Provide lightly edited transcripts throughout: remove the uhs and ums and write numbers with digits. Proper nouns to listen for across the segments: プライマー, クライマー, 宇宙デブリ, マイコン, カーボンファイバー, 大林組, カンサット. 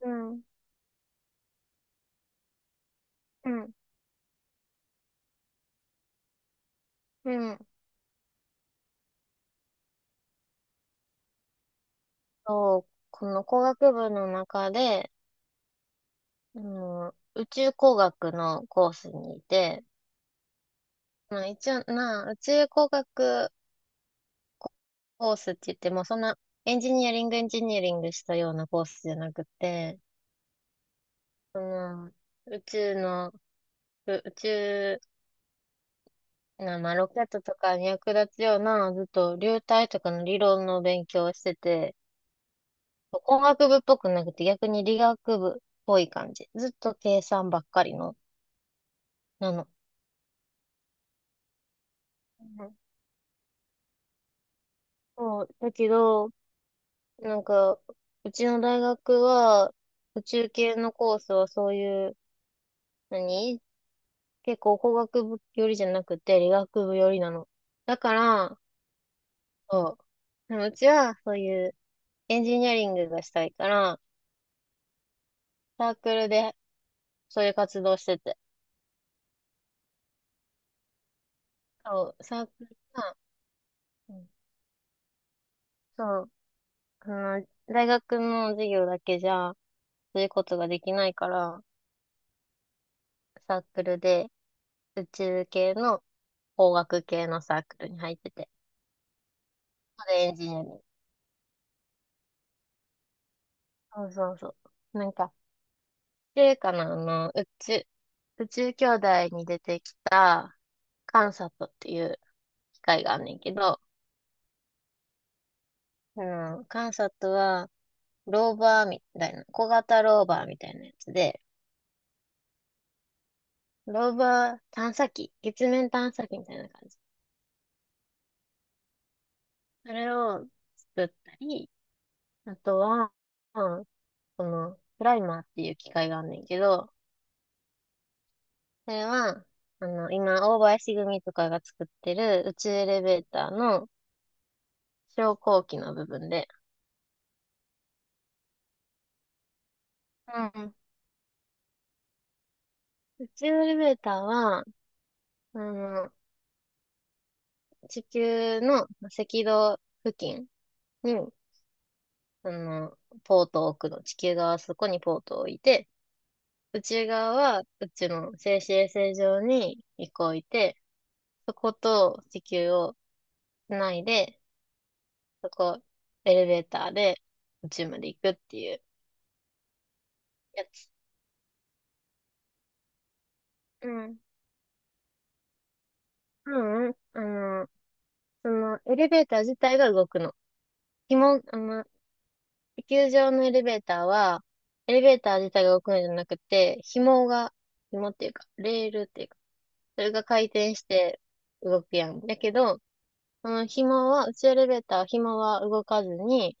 うん、うん、うん。そう、この工学部の中で、宇宙工学のコースにいて、まあ一応な、宇宙工学コースって言っても、そんなエンジニアリングエンジニアリングしたようなコースじゃなくて、その、宇宙の、う宇宙な、まあロケットとかに役立つような、ずっと流体とかの理論の勉強をしてて、工学部っぽくなくて逆に理学部っぽい感じ。ずっと計算ばっかりのなの。うん。そう、だけど、なんか、うちの大学は、宇宙系のコースはそういう、何結構工学部寄りじゃなくて理学部寄りなの。だから、そう、でもうちはそういうエンジニアリングがしたいから、サークルでそういう活動してて。そう、サークルが、うん。そう、あ大学の授業だけじゃ、そういうことができないから、サークルで宇宙系の工学系のサークルに入ってて。それエンジニアリング。そうそうそう。なんか、っていうかな、の、宇宙、宇宙兄弟に出てきた、カンサットっていう機械があんねんけど、うん。カンサットは、ローバーみたいな、小型ローバーみたいなやつで、ローバー探査機、月面探査機みたいな感じ。それを作ったり、あとは、うん、この、プライマーっていう機械があんねんけど、それは、今、大林組とかが作ってる宇宙エレベーターの昇降機の部分で、うん。宇宙エレベーターは、あの、地球の赤道付近に、あの、ポートを置くの。地球側はそこにポートを置いて、宇宙側は宇宙の静止衛星上に一個置いて、そこと地球をつないで、そこエレベーターで宇宙まで行くっていうやつ。うんうんうん。の、そのエレベーター自体が動くの。紐、あの、地球上のエレベーターは、エレベーター自体が動くのじゃなくて、紐っていうか、レールっていうか、それが回転して動くやん。だけど、その紐は、宇宙エレベーターは、紐は動かずに、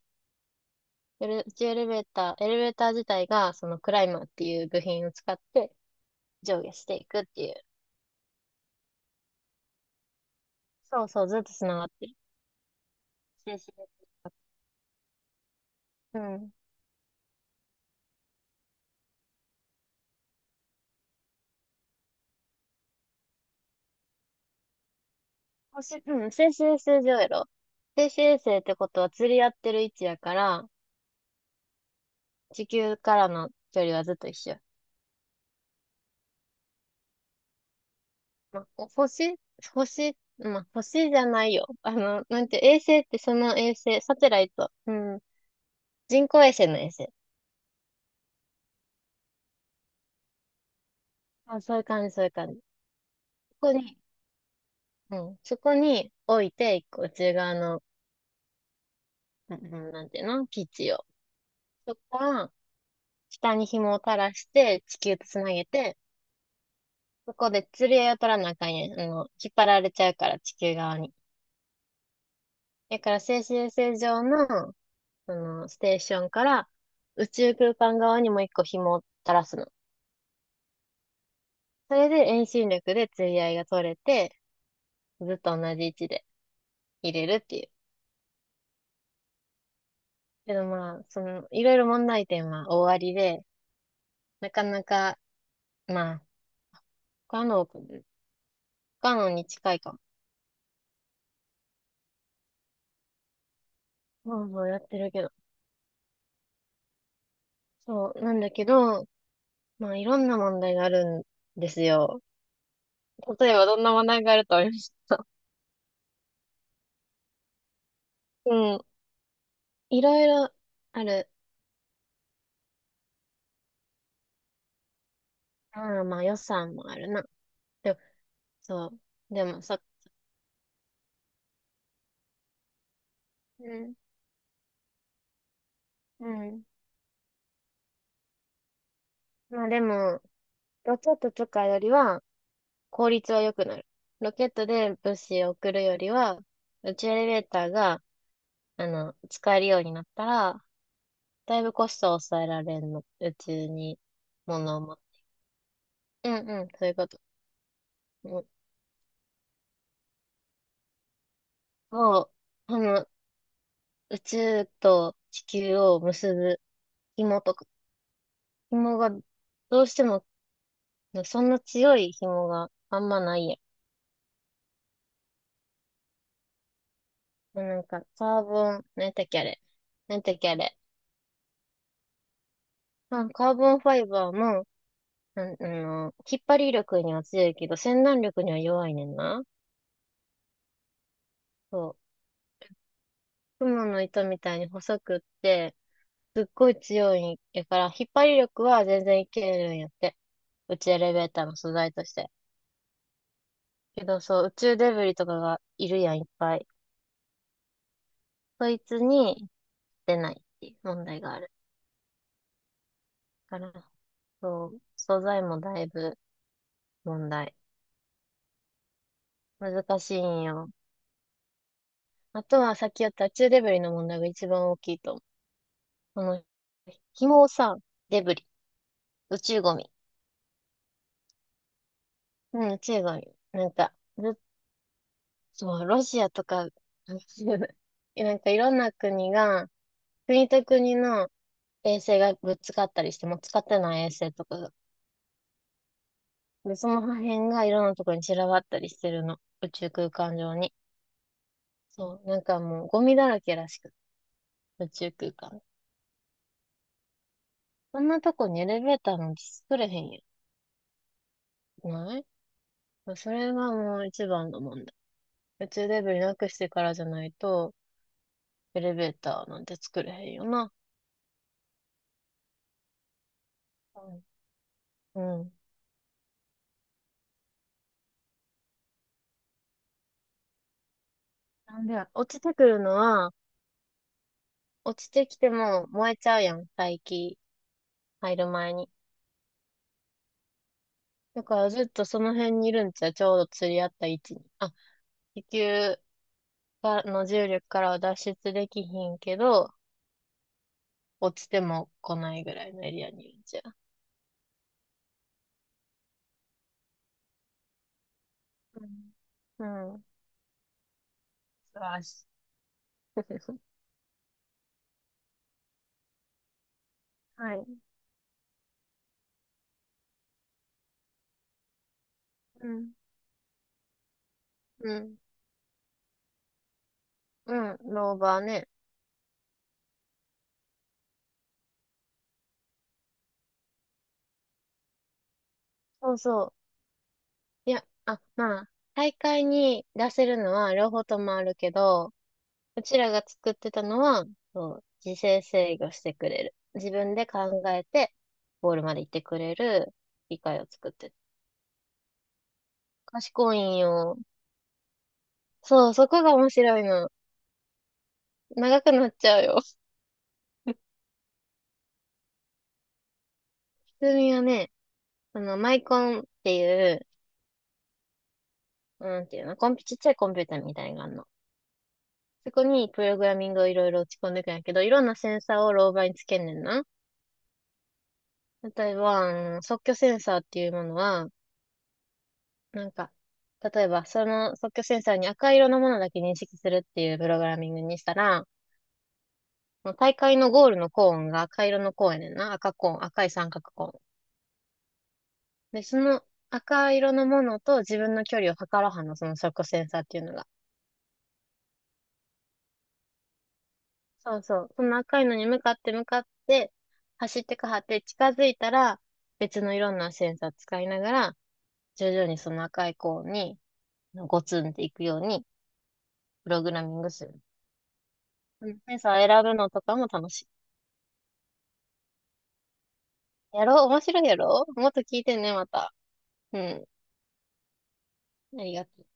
エレ宇宙エレベーター、エレベーター自体が、そのクライマーっていう部品を使って上下していくっていう。そうそう、ずっと繋がってる。静止。うん。うん。静止衛星上やろ。静止衛星ってことは釣り合ってる位置やから、地球からの距離はずっと一緒。まあ、星じゃないよ。あの、なんて、衛星ってその衛星、サテライト。うん。人工衛星の衛星。あ、そういう感じ、そういう感じ。そこに、うん。そこに置いて、一個内側の、うん。うん。なんていうの、基地を。そこから、下に紐を垂らして、地球とつなげて、そこで釣り合いを取らなあかんやん。引っ張られちゃうから、地球側に。だから、静止衛星上の、ステーションから、宇宙空間側にもう一個紐を垂らすの。それで遠心力で釣り合いが取れて、ずっと同じ位置で入れるっていう。けどまあ、いろいろ問題点は大ありで、なかなか、まあ、不可能に近いかも。まあまあやってるけど。そう、なんだけど、まあいろんな問題があるんですよ。例えばどんな話題があると思いました。うん。いろいろある。ああ、まあ予算もあるな。でも、そう。でもさ、うん。うん。まあでも、ロケットとかよりは効率は良くなる。ロケットで物資を送るよりは、宇宙エレベーターが、使えるようになったら、だいぶコストを抑えられるの。宇宙に物を持って。うんうん、そういうこと。うん、そう。宇宙と地球を結ぶ紐とか紐が、どうしても、そんな強い紐があんまないやん。なんか、カーボン、なんだっけあれ。なんだっけあれ。まあ、カーボンファイバーも、なん、あの、引っ張り力には強いけど、洗顔力には弱いねんな。そう。雲の糸みたいに細くって、すっごい強いんやから、引っ張り力は全然いけるんやって。宇宙エレベーターの素材として。けど、そう、宇宙デブリとかがいるやん、いっぱい。そいつに出ないっていう問題がある。からそう、素材もだいぶ問題。難しいんよ。あとはさっきやった宇宙デブリの問題が一番大きいと思う。この、紐をさ、デブリ、宇宙ゴミ。うん、宇宙ゴミ。なんか、ずっと、ロシアとか、なんかいろんな国が、国と国の衛星がぶつかったりして、もう使ってない衛星とかが。で、その破片がいろんなところに散らばったりしてるの。宇宙空間上に。そう、なんかもうゴミだらけらしく、宇宙空間。そんなとこにエレベーターなんて作れへんやん。ないそれがもう一番の問題。宇宙デブリなくしてからじゃないと、エレベーターなんて作れへんよな。うん。うん。なんで、落ちてくるのは、落ちてきても燃えちゃうやん、大気入る前に。だからずっとその辺にいるんちゃう、ちょうど釣り合った位置に。あ、地球がの重力からは脱出できひんけど、落ちても来ないぐらいのエリアにいるんちゃう。うん。うん。素晴らしい。はい。うん。うん。うん。ローバーね。そうそう。いや、あ、まあ、大会に出せるのは両方ともあるけど、うちらが作ってたのは、そう、自制制御してくれる。自分で考えて、ゴールまで行ってくれる理解を作ってた。賢いんよ。そう、そこが面白いの。長くなっちゃうよ。普通にはね、マイコンっていう、なんていうの、コンピ、ちっちゃいコンピューターみたいなのがある。そこにプログラミングをいろいろ打ち込んでいくんやけど、いろんなセンサーをローバーにつけんねんな。例えば、あの即興センサーっていうものは、なんか、例えばその即興センサーに赤色のものだけ認識するっていうプログラミングにしたら、大会のゴールのコーンが赤色のコーンやねんな。赤コーン、赤い三角コーン。で、その赤色のものと自分の距離を測らはんの、その即興センサーっていうのが。そうそう。その赤いのに向かって向かって、走ってかはって近づいたら、別のいろんなセンサー使いながら、徐々にその赤い子にゴツンっていくように、プログラミングする。うん。センサー選ぶのとかも楽しい。やろう、面白いやろうもっと聞いてね、また。うん。ありがとう。